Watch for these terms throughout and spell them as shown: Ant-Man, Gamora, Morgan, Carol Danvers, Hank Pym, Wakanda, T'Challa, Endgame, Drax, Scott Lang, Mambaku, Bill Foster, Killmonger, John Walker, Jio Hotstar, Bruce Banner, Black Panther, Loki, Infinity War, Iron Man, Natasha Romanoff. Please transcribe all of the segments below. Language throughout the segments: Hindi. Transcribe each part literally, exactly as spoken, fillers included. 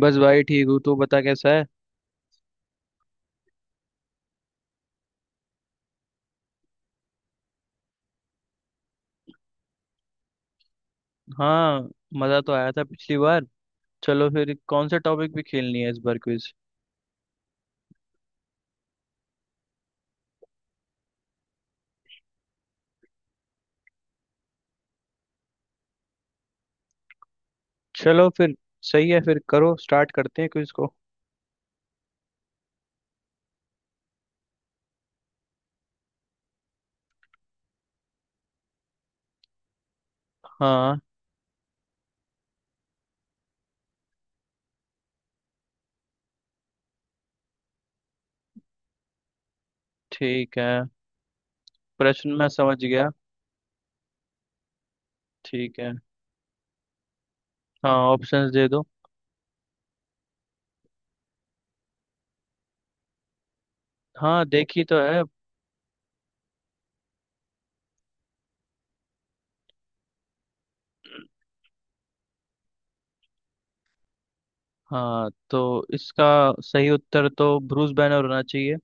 बस भाई ठीक हूँ। तू बता कैसा है? हाँ, मज़ा तो आया था पिछली बार। चलो फिर कौन सा टॉपिक भी खेलनी है इस बार क्विज? चलो फिर, सही है, फिर करो, स्टार्ट करते हैं क्विज को। हाँ। ठीक है, प्रश्न मैं समझ गया। ठीक है, हाँ, ऑप्शंस दे दो। हाँ, देखी तो है। हाँ, तो इसका सही उत्तर तो ब्रूस बैनर होना चाहिए।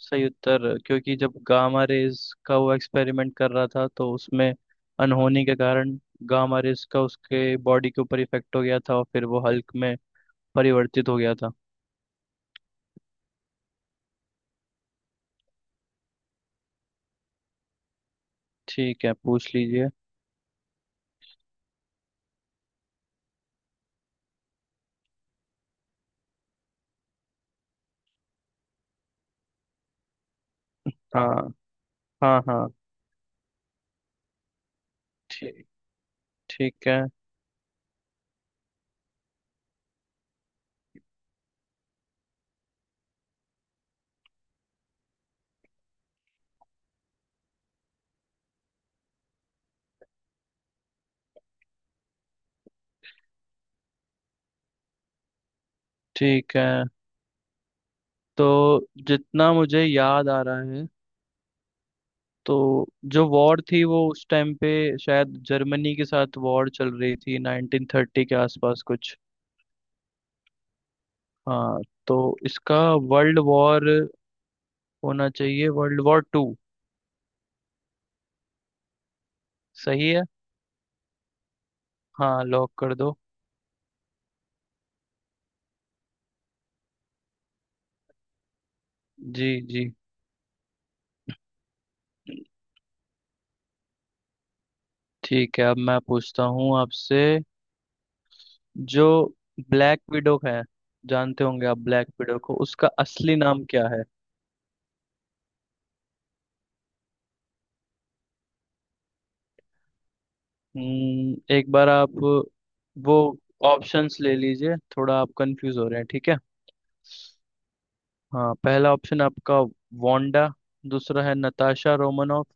सही उत्तर क्योंकि जब गामा रेज का वो एक्सपेरिमेंट कर रहा था तो उसमें अनहोनी के कारण गामा रेज का उसके बॉडी के ऊपर इफेक्ट हो गया था और फिर वो हल्क में परिवर्तित हो गया था। ठीक है, पूछ लीजिए। हाँ हाँ। हाँ ठीक ठीक है। ठीक है, तो जितना मुझे याद आ रहा है तो जो वॉर थी वो उस टाइम पे शायद जर्मनी के साथ वॉर चल रही थी नाइन्टीन थर्टी के आसपास कुछ। हाँ, तो इसका वर्ल्ड वॉर होना चाहिए, वर्ल्ड वॉर टू। सही है। हाँ, लॉक कर दो। जी जी। ठीक है, अब मैं पूछता हूँ आपसे। जो ब्लैक विडो है, जानते होंगे आप, ब्लैक विडो को उसका असली नाम क्या है? हम्म, एक बार आप वो ऑप्शंस ले लीजिए, थोड़ा आप कंफ्यूज हो रहे हैं। ठीक है, हाँ, पहला ऑप्शन आपका वांडा, दूसरा है नताशा रोमनॉफ,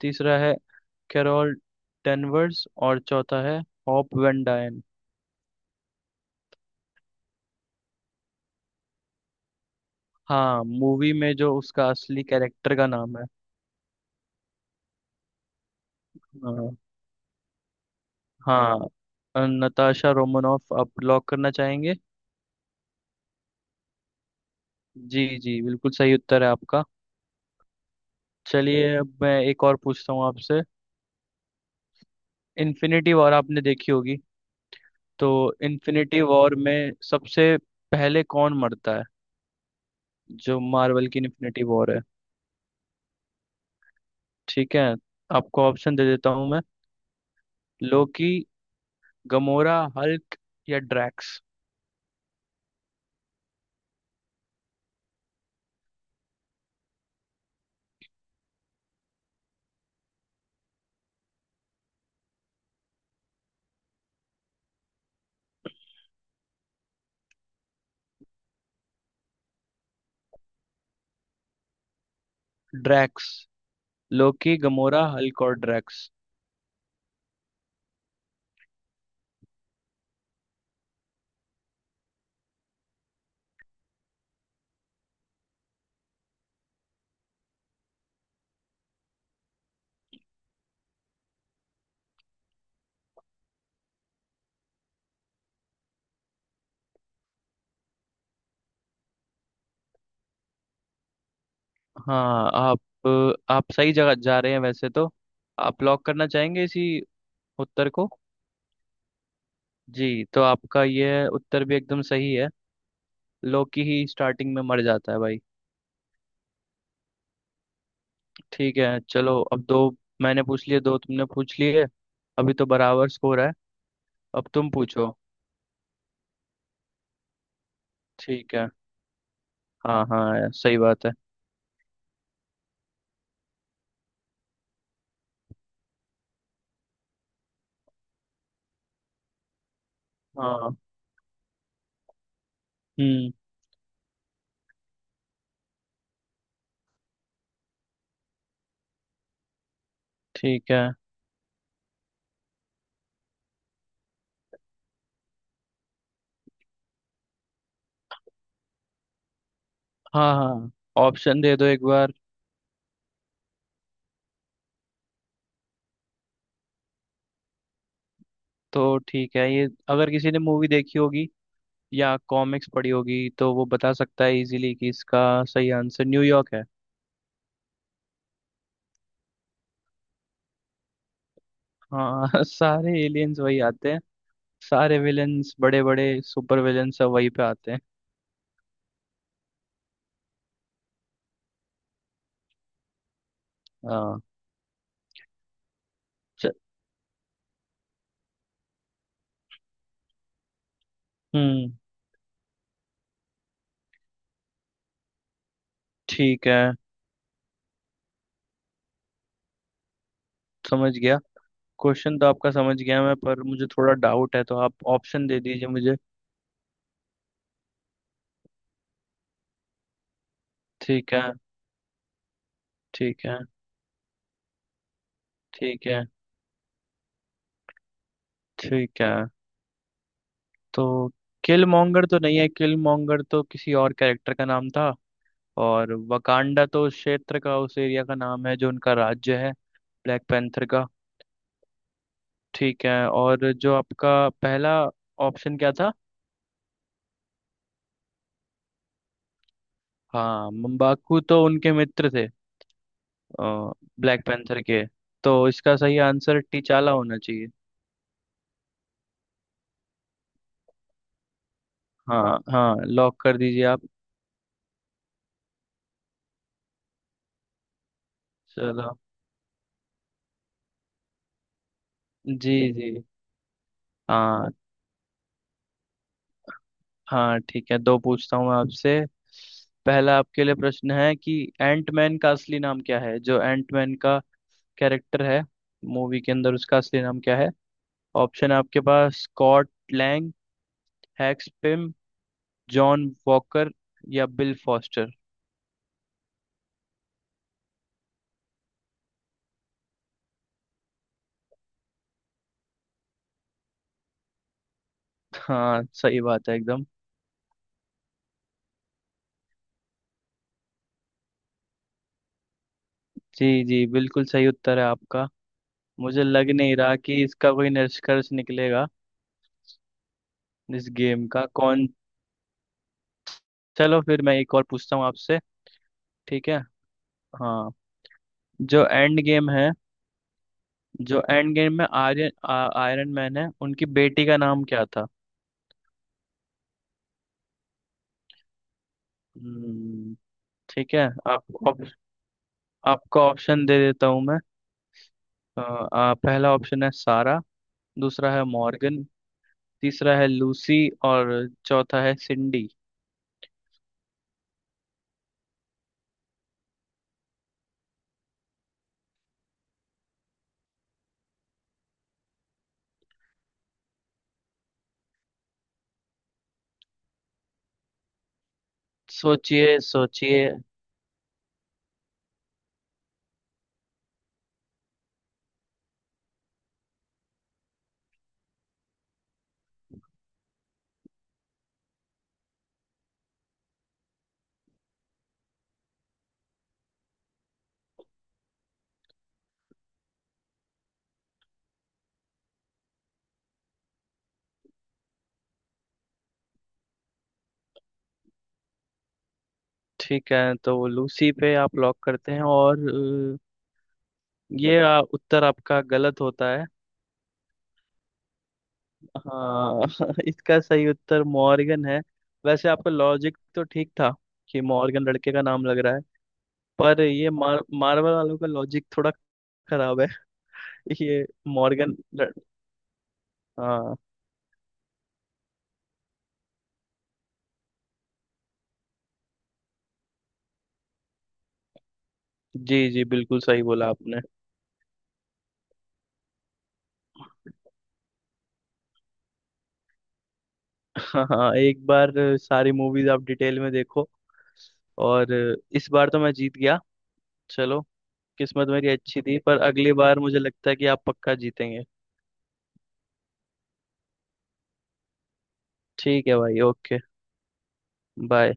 तीसरा है कैरोल डेनवर्स और चौथा है हॉप वेन। हाँ, मूवी में जो उसका असली कैरेक्टर का नाम है। हाँ हाँ, अ, नताशा रोमनॉफ आप लॉक करना चाहेंगे? जी जी, बिल्कुल सही उत्तर है आपका। चलिए, अब मैं एक और पूछता हूँ आपसे। इन्फिनिटी वॉर आपने देखी होगी, तो इन्फिनिटी वॉर में सबसे पहले कौन मरता है, जो मार्वल की इन्फिनिटी वॉर है? ठीक है, आपको ऑप्शन दे देता हूँ मैं। लोकी, गमोरा, हल्क या Drax. Drax, Loki, Gamora, Hulk और ड्रैक्स। हाँ, आप आप सही जगह जा रहे हैं वैसे तो। आप लॉक करना चाहेंगे इसी उत्तर को? जी, तो आपका यह उत्तर भी एकदम सही है। लोकी ही स्टार्टिंग में मर जाता है भाई। ठीक है, चलो अब दो मैंने पूछ लिए, दो तुमने पूछ लिए। अभी तो बराबर स्कोर है। अब तुम पूछो। ठीक है। हाँ हाँ यार, सही बात है। हाँ। हम्म ठीक है। हाँ हाँ, ऑप्शन दे दो एक बार। तो ठीक है, ये अगर किसी ने मूवी देखी होगी या कॉमिक्स पढ़ी होगी तो वो बता सकता है इजीली कि इसका सही आंसर न्यूयॉर्क है। हाँ, सारे एलियंस वही आते हैं। सारे विलेंस, बड़े बड़े सुपर विलेंस सब वहीं पे आते हैं। हाँ। च- हम्म ठीक है, समझ गया। क्वेश्चन तो आपका समझ गया मैं, पर मुझे थोड़ा डाउट है, तो आप ऑप्शन दे दीजिए मुझे। ठीक है। ठीक है। ठीक है। ठीक है, तो किल मॉन्गर तो नहीं है, किल मॉन्गर तो किसी और कैरेक्टर का नाम था। और वकांडा तो उस क्षेत्र का, उस एरिया का नाम है जो उनका राज्य है, ब्लैक पैंथर का। ठीक है, और जो आपका पहला ऑप्शन क्या था? हाँ, मम्बाकू तो उनके मित्र थे ब्लैक पैंथर के। तो इसका सही आंसर टीचाला होना चाहिए। हाँ हाँ, लॉक कर दीजिए आप। चलो। जी जी। हाँ हाँ, ठीक है, दो पूछता हूँ मैं आपसे। पहला आपके लिए प्रश्न है कि एंटमैन का असली नाम क्या है, जो एंटमैन का कैरेक्टर है मूवी के अंदर, उसका असली नाम क्या है? ऑप्शन है आपके पास, स्कॉट लैंग, हैक्स पिम, जॉन वॉकर या बिल फॉस्टर। हाँ, सही बात है एकदम। जी जी, बिल्कुल सही उत्तर है आपका। मुझे लग नहीं रहा कि इसका कोई निष्कर्ष निकलेगा इस गेम का। कौन, चलो फिर मैं एक और पूछता हूँ आपसे। ठीक है, हाँ, जो एंड गेम है, जो एंड गेम में आर्यन आ- आयरन मैन है, उनकी बेटी का नाम क्या था? हम्म, ठीक है, आप आपको ऑप्शन दे देता हूँ मैं। अ, आ, पहला ऑप्शन है सारा, दूसरा है मॉर्गन, तीसरा है लूसी और चौथा है सिंडी। सोचिए सोचिए। ठीक है, तो वो लूसी पे आप लॉक करते हैं, और अ, ये आ, उत्तर आपका गलत होता है। हाँ, इसका सही उत्तर मॉर्गन है। वैसे आपका लॉजिक तो ठीक था कि मॉर्गन लड़के का नाम लग रहा है, पर ये मार, मार्वल वालों का लॉजिक थोड़ा खराब है। ये मॉर्गन लड़-। हाँ। जी जी, बिल्कुल सही बोला आपने। हाँ हाँ, एक बार सारी मूवीज आप डिटेल में देखो। और इस बार तो मैं जीत गया। चलो, किस्मत मेरी अच्छी थी, पर अगली बार मुझे लगता है कि आप पक्का जीतेंगे। ठीक है भाई, ओके। बाय।